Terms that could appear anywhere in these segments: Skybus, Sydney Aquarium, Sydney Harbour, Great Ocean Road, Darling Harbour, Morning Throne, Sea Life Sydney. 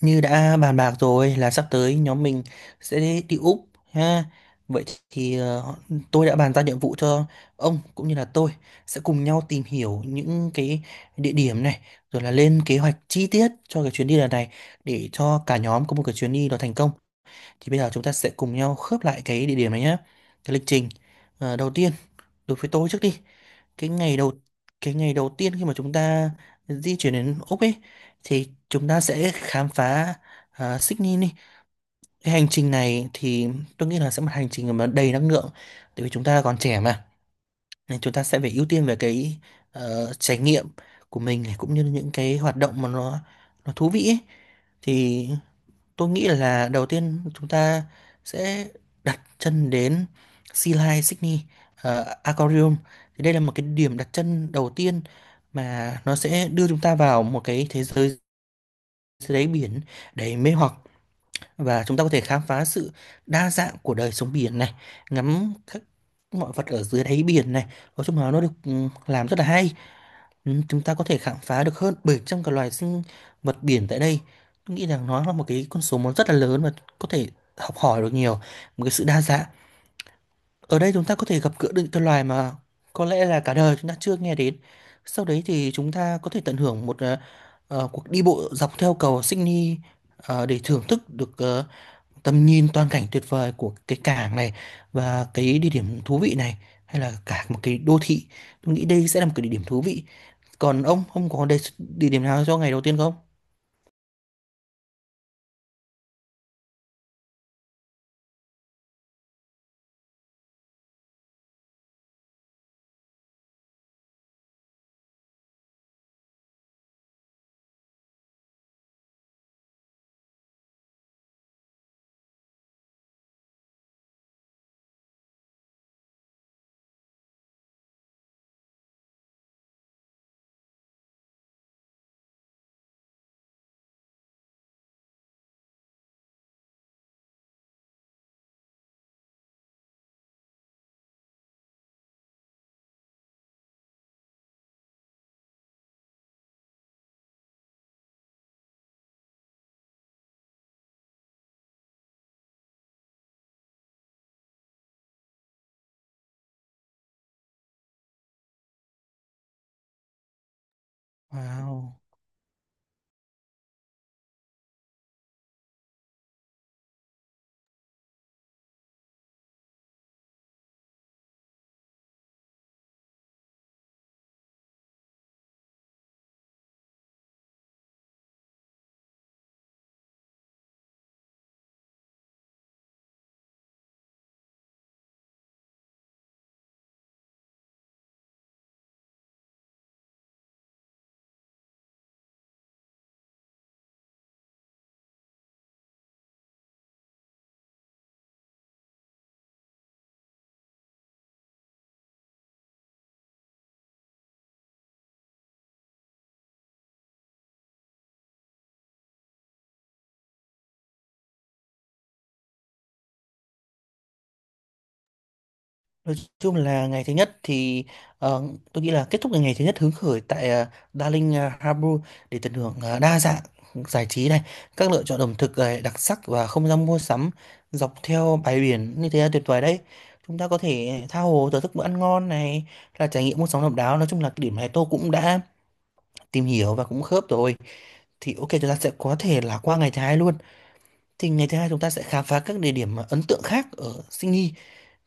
Như đã bàn bạc rồi là sắp tới nhóm mình sẽ đi Úc ha. Vậy thì tôi đã bàn ra nhiệm vụ cho ông cũng như là tôi sẽ cùng nhau tìm hiểu những cái địa điểm này rồi là lên kế hoạch chi tiết cho cái chuyến đi lần này để cho cả nhóm có một cái chuyến đi nó thành công. Thì bây giờ chúng ta sẽ cùng nhau khớp lại cái địa điểm này nhé. Cái lịch trình. Đầu tiên đối với tôi trước đi, cái ngày đầu cái ngày đầu tiên khi mà chúng ta di chuyển đến Úc ấy thì chúng ta sẽ khám phá à, Sydney đi. Cái hành trình này thì tôi nghĩ là sẽ một hành trình mà đầy năng lượng, tại vì chúng ta còn trẻ mà, nên chúng ta sẽ phải ưu tiên về cái trải nghiệm của mình này, cũng như những cái hoạt động mà nó thú vị ấy. Thì tôi nghĩ là đầu tiên chúng ta sẽ đặt chân đến Sea Life Sydney Aquarium. Thì đây là một cái điểm đặt chân đầu tiên mà nó sẽ đưa chúng ta vào một cái thế giới dưới đáy biển đầy mê hoặc, và chúng ta có thể khám phá sự đa dạng của đời sống biển này, ngắm các mọi vật ở dưới đáy biển này. Nói chung là nó được ừ, làm rất là hay. Ừ, chúng ta có thể khám phá được hơn 700 cái loài sinh vật biển tại đây. Tôi nghĩ rằng nó là một cái con số nó rất là lớn, và có thể học hỏi được nhiều, một cái sự đa dạng. Ở đây chúng ta có thể gặp gỡ được những cái loài mà có lẽ là cả đời chúng ta chưa nghe đến. Sau đấy thì chúng ta có thể tận hưởng một cuộc đi bộ dọc theo cầu Sydney, để thưởng thức được tầm nhìn toàn cảnh tuyệt vời của cái cảng này và cái địa điểm thú vị này, hay là cả một cái đô thị. Tôi nghĩ đây sẽ là một cái địa điểm thú vị. Còn ông có đề, địa điểm nào cho ngày đầu tiên không? Wow. Nói chung là ngày thứ nhất thì ờ, tôi nghĩ là kết thúc ngày thứ nhất hứng khởi tại Darling Harbour để tận hưởng đa dạng giải trí này, các lựa chọn ẩm thực đặc sắc và không gian mua sắm dọc theo bãi biển như thế là tuyệt vời đấy. Chúng ta có thể tha hồ thưởng thức bữa ăn ngon này, là trải nghiệm mua sắm độc đáo. Nói chung là cái điểm này tôi cũng đã tìm hiểu và cũng khớp rồi. Thì ok, chúng ta sẽ có thể là qua ngày thứ hai luôn. Thì ngày thứ hai chúng ta sẽ khám phá các địa điểm ấn tượng khác ở Sydney.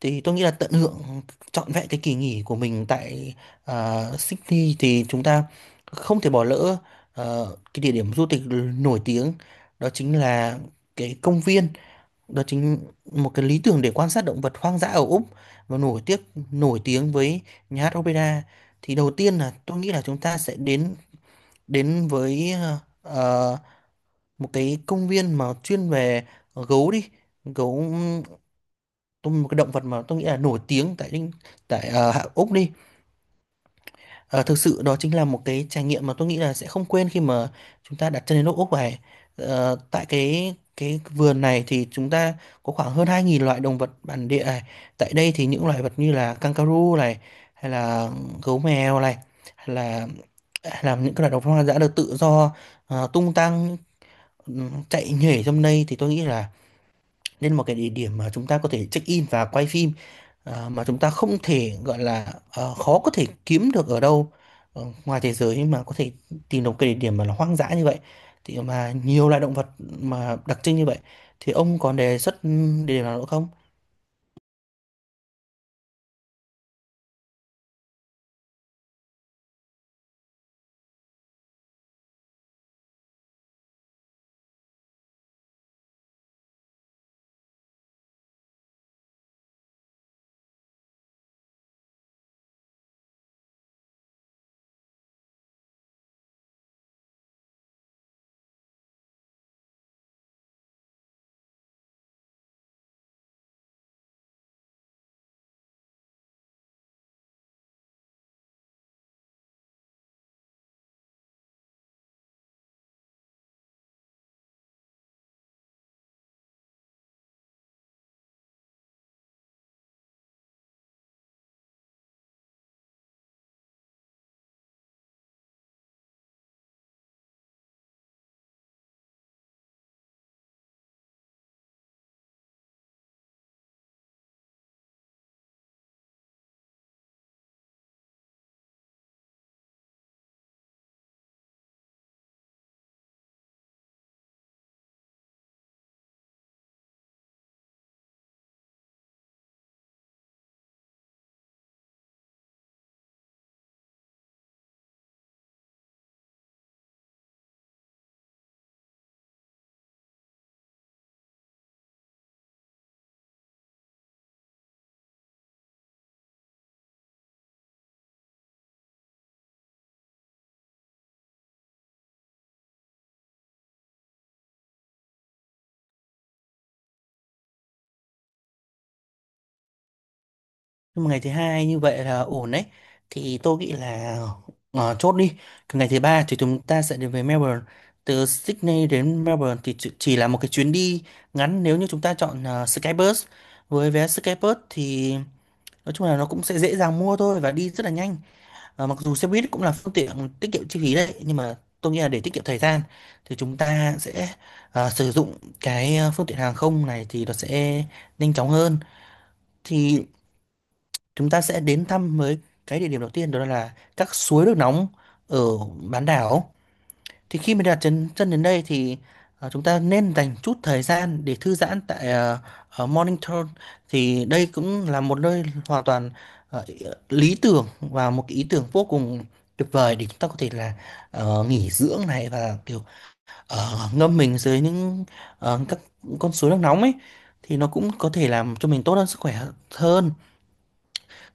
Thì tôi nghĩ là tận hưởng trọn vẹn cái kỳ nghỉ của mình tại à, Sydney thì chúng ta không thể bỏ lỡ cái địa điểm du lịch nổi tiếng, đó chính là cái công viên, đó chính một cái lý tưởng để quan sát động vật hoang dã ở Úc và nổi tiếng với nhà hát opera. Thì đầu tiên là tôi nghĩ là chúng ta sẽ đến đến với ờ, một cái công viên mà chuyên về gấu đi, gấu tôi, một cái động vật mà tôi nghĩ là nổi tiếng tại Úc đi. Ờ, thực sự đó chính là một cái trải nghiệm mà tôi nghĩ là sẽ không quên khi mà chúng ta đặt chân đến nước Úc này. Ờ, tại cái vườn này thì chúng ta có khoảng hơn 2000 loại động vật bản địa này. Tại đây thì những loài vật như là kangaroo này, hay là gấu mèo này, hay là hay là những cái loài động vật hoang dã được tự do tung tăng, chạy nhảy trong đây. Thì tôi nghĩ là nên một cái địa điểm mà chúng ta có thể check in và quay phim à, mà chúng ta không thể gọi là khó có thể kiếm được ở đâu ngoài thế giới mà có thể tìm được cái địa điểm mà nó hoang dã như vậy, thì mà nhiều loại động vật mà đặc trưng như vậy. Thì ông còn đề xuất ừ, địa điểm nào nữa không? Nhưng mà ngày thứ hai như vậy là ổn đấy. Thì tôi nghĩ là chốt đi. Còn ngày thứ ba thì chúng ta sẽ đến với Melbourne. Từ Sydney đến Melbourne thì chỉ là một cái chuyến đi ngắn nếu như chúng ta chọn Skybus. Với vé Skybus thì nói chung là nó cũng sẽ dễ dàng mua thôi và đi rất là nhanh. Ờ, mặc dù xe buýt cũng là phương tiện tiết kiệm chi phí đấy, nhưng mà tôi nghĩ là để tiết kiệm thời gian thì chúng ta sẽ sử dụng cái phương tiện hàng không này thì nó sẽ nhanh chóng hơn. Thì chúng ta sẽ đến thăm với cái địa điểm đầu tiên, đó là các suối nước nóng ở bán đảo. Thì khi mình đặt chân chân đến đây thì chúng ta nên dành chút thời gian để thư giãn tại ở Morning Throne. Thì đây cũng là một nơi hoàn toàn ờ, lý tưởng và một cái ý tưởng vô cùng tuyệt vời để chúng ta có thể là nghỉ dưỡng này, và kiểu ngâm mình dưới những các con suối nước nóng ấy, thì nó cũng có thể làm cho mình tốt hơn sức khỏe hơn.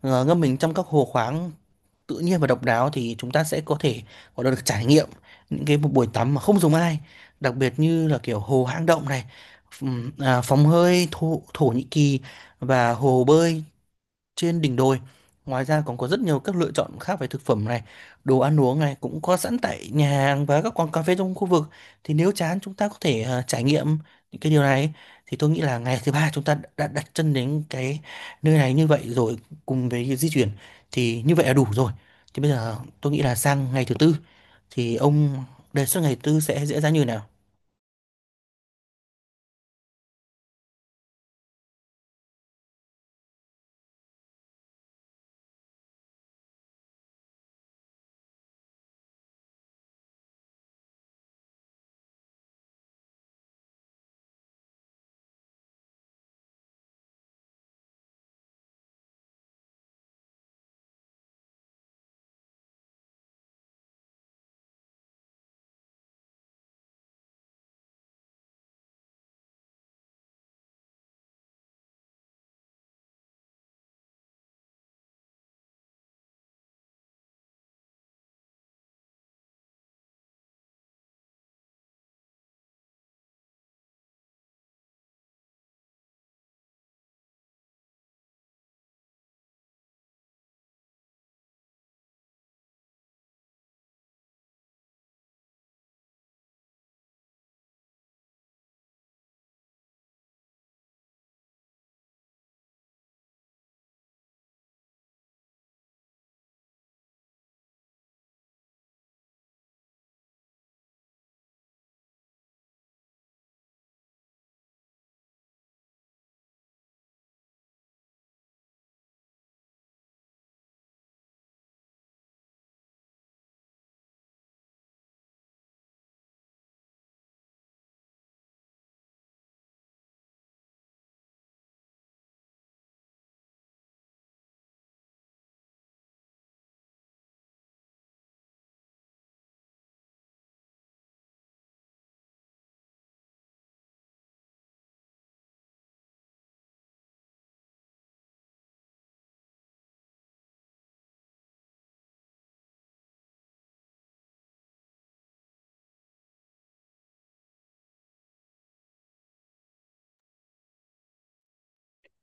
Ờ, ngâm mình trong các hồ khoáng tự nhiên và độc đáo thì chúng ta sẽ có thể có được trải nghiệm những cái một buổi tắm mà không giống ai, đặc biệt như là kiểu hồ hang động này, phòng hơi thổ, Thổ Nhĩ Kỳ, và hồ bơi trên đỉnh đồi. Ngoài ra còn có rất nhiều các lựa chọn khác về thực phẩm này, đồ ăn uống này cũng có sẵn tại nhà hàng và các quán cà phê trong khu vực. Thì nếu chán chúng ta có thể trải nghiệm những cái điều này. Thì tôi nghĩ là ngày thứ ba chúng ta đã đặt chân đến cái nơi này như vậy rồi, cùng với cái di chuyển thì như vậy là đủ rồi. Thì bây giờ tôi nghĩ là sang ngày thứ tư thì ông đề xuất ngày tư sẽ diễn ra như nào?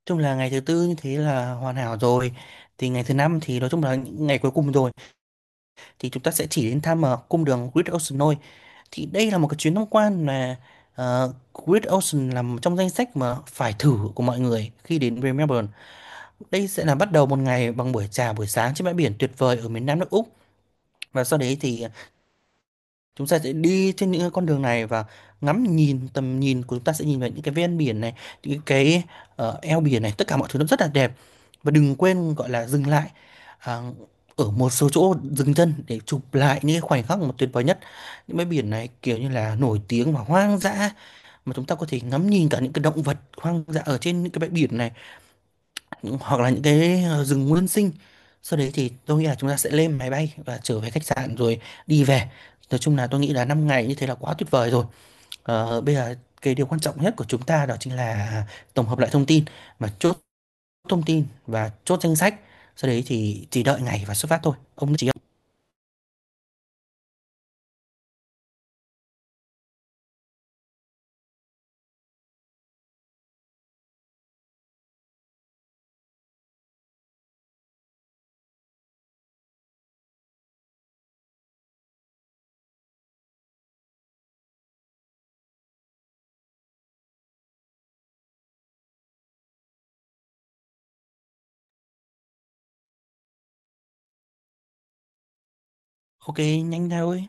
Chung là ngày thứ tư như thế là hoàn hảo rồi. Thì ngày thứ năm thì nói chung là những ngày cuối cùng rồi. Thì chúng ta sẽ chỉ đến thăm cung đường Great Ocean thôi. Thì đây là một cái chuyến tham quan mà Great Ocean là một trong danh sách mà phải thử của mọi người khi đến với Melbourne. Đây sẽ là bắt đầu một ngày bằng buổi trà buổi sáng trên bãi biển tuyệt vời ở miền Nam nước Úc, và sau đấy thì chúng ta sẽ đi trên những cái con đường này và ngắm nhìn tầm nhìn của chúng ta sẽ nhìn vào những cái ven biển này, những cái eo biển này, tất cả mọi thứ nó rất là đẹp. Và đừng quên gọi là dừng lại à, ở một số chỗ dừng chân để chụp lại những cái khoảnh khắc mà tuyệt vời nhất. Những bãi biển này kiểu như là nổi tiếng và hoang dã, mà chúng ta có thể ngắm nhìn cả những cái động vật hoang dã ở trên những cái bãi biển này, hoặc là những cái rừng nguyên sinh. Sau đấy thì tôi nghĩ là chúng ta sẽ lên máy bay và trở về khách sạn rồi đi về. Nói chung là tôi nghĩ là 5 ngày như thế là quá tuyệt vời rồi. Ờ, bây giờ cái điều quan trọng nhất của chúng ta đó chính là tổng hợp lại thông tin mà chốt thông tin và chốt danh sách, sau đấy thì chỉ đợi ngày và xuất phát thôi ông chỉ. Ok nhanh thôi.